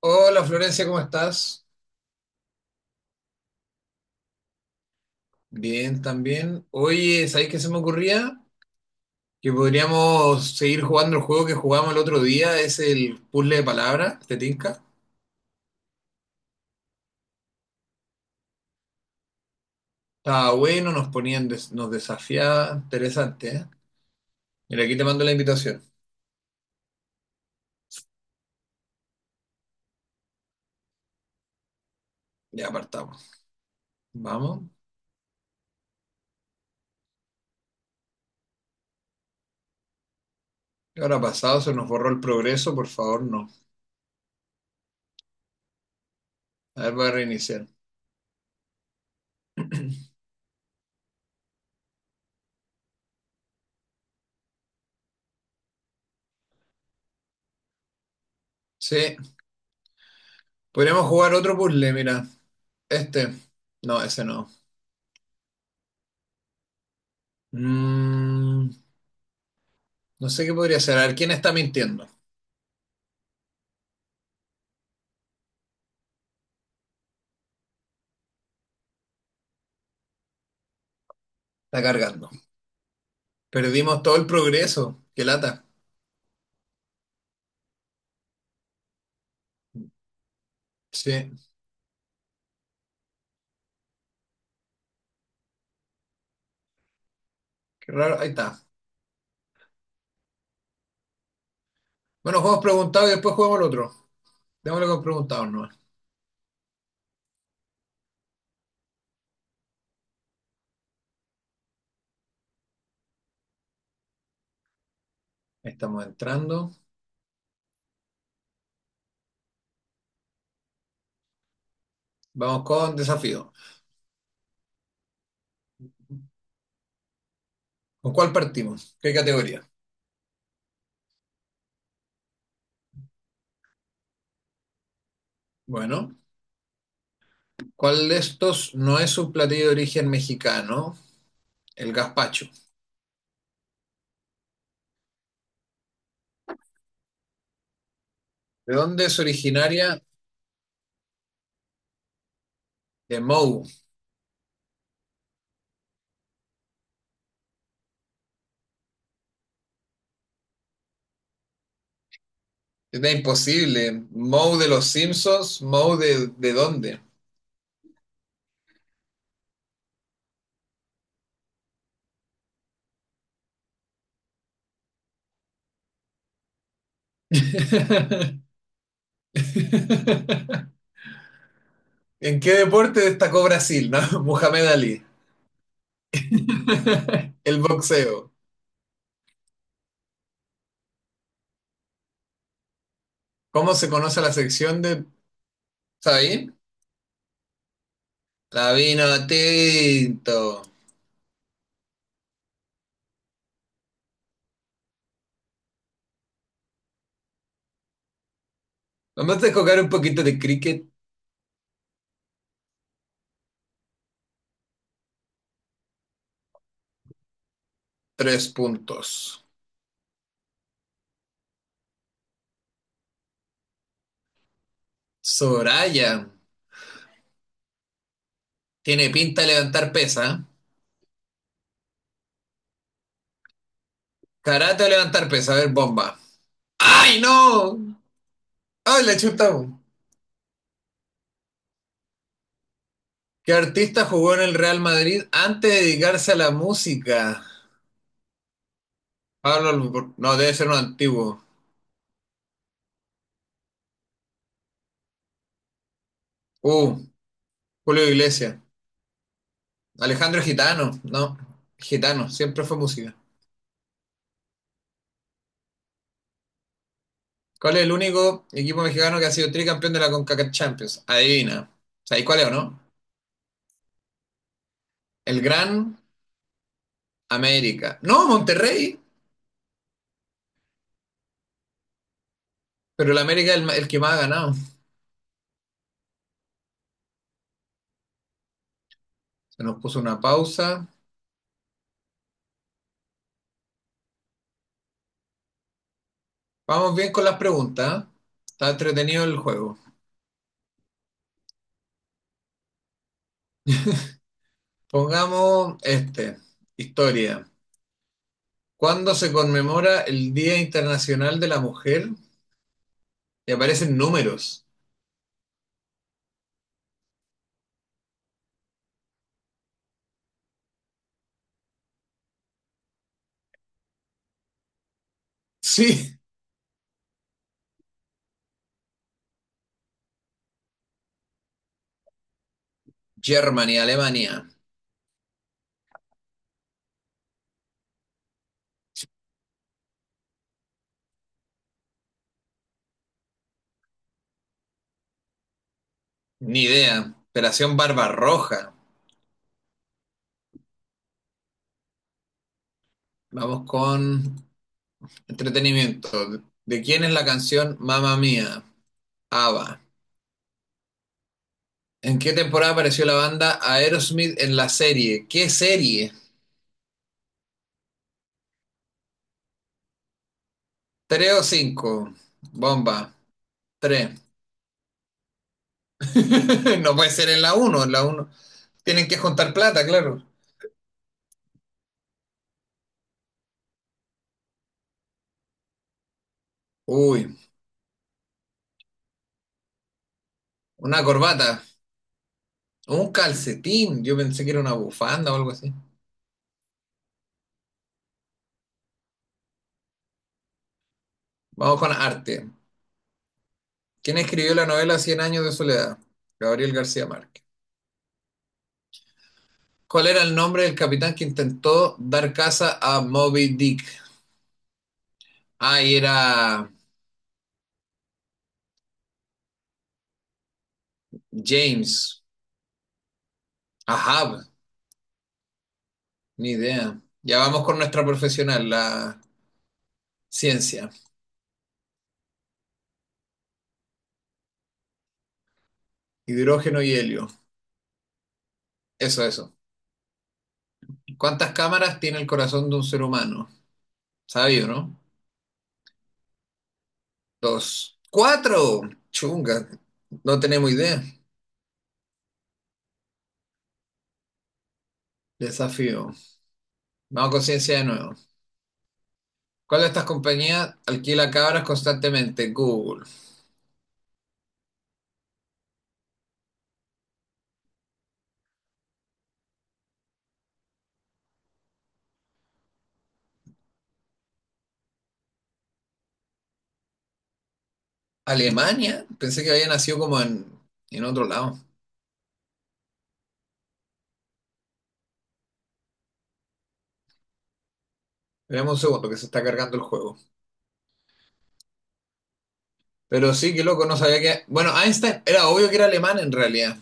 Hola Florencia, ¿cómo estás? Bien, también. Oye, ¿sabéis qué se me ocurría? Que podríamos seguir jugando el juego que jugamos el otro día, es el puzzle de palabras, ¿te tinca? Estaba bueno, nos ponían, nos desafiaba, interesante, ¿eh? Mira, aquí te mando la invitación. Ya apartamos, vamos. ¿Qué habrá pasado? Se nos borró el progreso, por favor, no. A ver, voy a reiniciar. Sí, podríamos jugar otro puzzle, mira. Este. No, ese no. Mm, no sé qué podría ser. A ver, ¿quién está mintiendo? Está cargando. Perdimos todo el progreso. Qué lata. Sí, qué raro. Ahí está. Bueno, juegos preguntados y después jugamos el otro. Démosle con preguntados, ¿no? Ahí estamos entrando. Vamos con desafío. ¿Con cuál partimos? ¿Qué categoría? Bueno, ¿cuál de estos no es un platillo de origen mexicano? El gazpacho. ¿De dónde es originaria? De Moe. Está imposible. Moe de los Simpsons, Moe de dónde. ¿En qué deporte destacó Brasil? ¿No? Muhammad Ali. El boxeo. ¿Cómo se conoce la sección de... ¿Sabí? La vino tinto. Nomás de jugar un poquito de cricket, tres puntos. Soraya. Tiene pinta de levantar pesa. Karate o levantar pesa. A ver, bomba. ¡Ay, no! ¡Ay, la chuta! ¿Qué artista jugó en el Real Madrid antes de dedicarse a la música? Pablo... Albornoz. No, debe ser un antiguo. Uh, Julio Iglesias. Alejandro Gitano. No, Gitano. Siempre fue música. ¿Cuál es el único equipo mexicano que ha sido tricampeón de la CONCACAF Champions? Adivina. ¿Sabéis cuál es o no? El Gran América. No, Monterrey, pero el América es el, el que más ha ganado. Se nos puso una pausa. Vamos bien con las preguntas, ¿eh? Está entretenido el juego. Pongamos este, historia. ¿Cuándo se conmemora el Día Internacional de la Mujer? Y aparecen números. Sí, Germany, Alemania. Ni idea. Operación Barbarroja. Vamos con Entretenimiento. ¿De quién es la canción Mamma Mía? ABBA. ¿En qué temporada apareció la banda Aerosmith en la serie? ¿Qué serie? ¿Tres o cinco? Bomba. Tres. No puede ser en la uno, en la uno. Tienen que juntar plata, claro. Uy, una corbata. Un calcetín. Yo pensé que era una bufanda o algo así. Vamos con arte. ¿Quién escribió la novela Cien años de soledad? Gabriel García Márquez. ¿Cuál era el nombre del capitán que intentó dar caza a Moby Dick? Ah, y era James. Ahab, ni idea. Ya vamos con nuestra profesional, la ciencia. Hidrógeno y helio. Eso, eso. ¿Cuántas cámaras tiene el corazón de un ser humano? Sabio, ¿no? Dos. ¡Cuatro! Chunga. No tenemos idea. Desafío. Vamos con ciencia de nuevo. ¿Cuál de estas compañías alquila cabras constantemente? Google. ¿Alemania? Pensé que había nacido como en otro lado. Veamos un segundo que se está cargando el juego. Pero sí, qué loco, no sabía que. Bueno, Einstein era obvio que era alemán en realidad.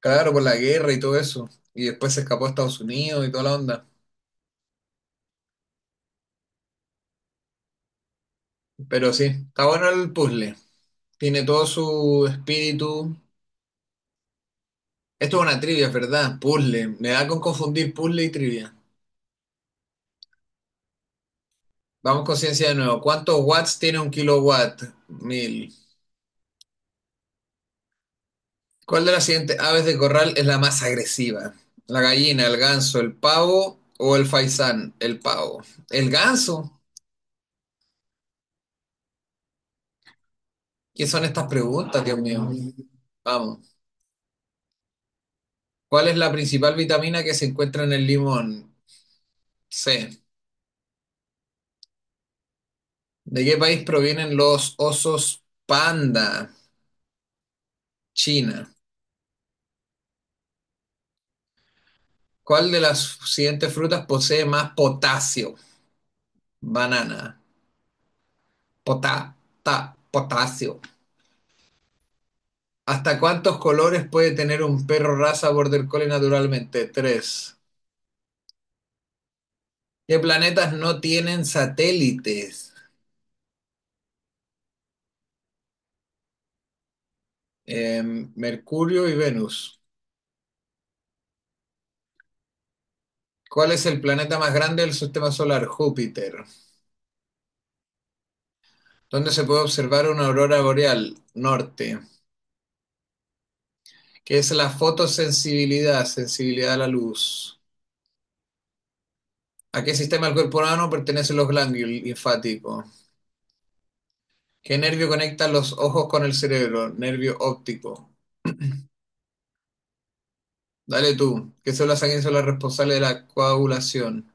Claro, por la guerra y todo eso. Y después se escapó a Estados Unidos y toda la onda. Pero sí, está bueno el puzzle. Tiene todo su espíritu. Esto es una trivia, ¿verdad? Puzzle. Me da con confundir puzzle y trivia. Vamos con ciencia de nuevo. ¿Cuántos watts tiene un kilowatt? Mil. ¿Cuál de las siguientes aves de corral es la más agresiva? ¿La gallina, el ganso, el pavo o el faisán? El pavo. ¿El ganso? ¿Qué son estas preguntas, Dios mío? No. Vamos. ¿Cuál es la principal vitamina que se encuentra en el limón? C. ¿De qué país provienen los osos panda? China. ¿Cuál de las siguientes frutas posee más potasio? Banana. Pota, ta, potasio. ¿Hasta cuántos colores puede tener un perro raza border collie naturalmente? Tres. ¿Qué planetas no tienen satélites? Mercurio y Venus. ¿Cuál es el planeta más grande del sistema solar? Júpiter. ¿Dónde se puede observar una aurora boreal? Norte. ¿Qué es la fotosensibilidad? Sensibilidad a la luz. ¿A qué sistema del cuerpo humano pertenecen los ganglios linfáticos? ¿Qué nervio conecta los ojos con el cerebro? Nervio óptico. Dale tú. ¿Qué células sanguíneas son las responsables de la coagulación?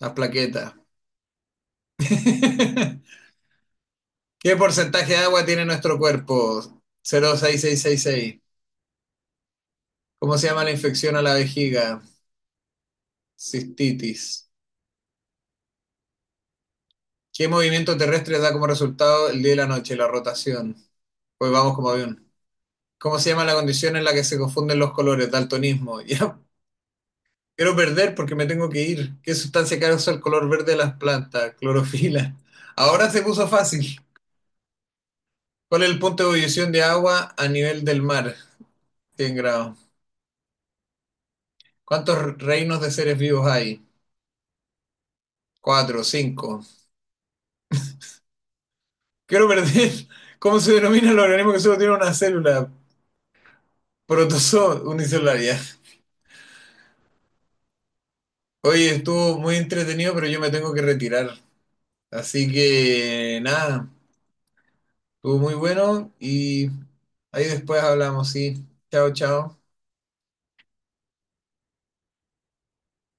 Las plaquetas. ¿Qué porcentaje de agua tiene nuestro cuerpo? Cero coma seis seis seis seis. ¿Cómo se llama la infección a la vejiga? Cistitis. ¿Qué movimiento terrestre da como resultado el día y la noche? La rotación. Pues vamos como avión. ¿Cómo se llama la condición en la que se confunden los colores? Daltonismo. Ya quiero perder porque me tengo que ir. ¿Qué sustancia causa el color verde de las plantas? Clorofila. Ahora se puso fácil. ¿Cuál es el punto de ebullición de agua a nivel del mar? 100 grados. ¿Cuántos reinos de seres vivos hay? Cuatro, cinco. Quiero perder. ¿Cómo se denomina el organismo que solo tiene una célula? Protozoo unicelular. Ya. Oye, estuvo muy entretenido, pero yo me tengo que retirar. Así que nada, estuvo muy bueno y ahí después hablamos, sí. Chao, chao.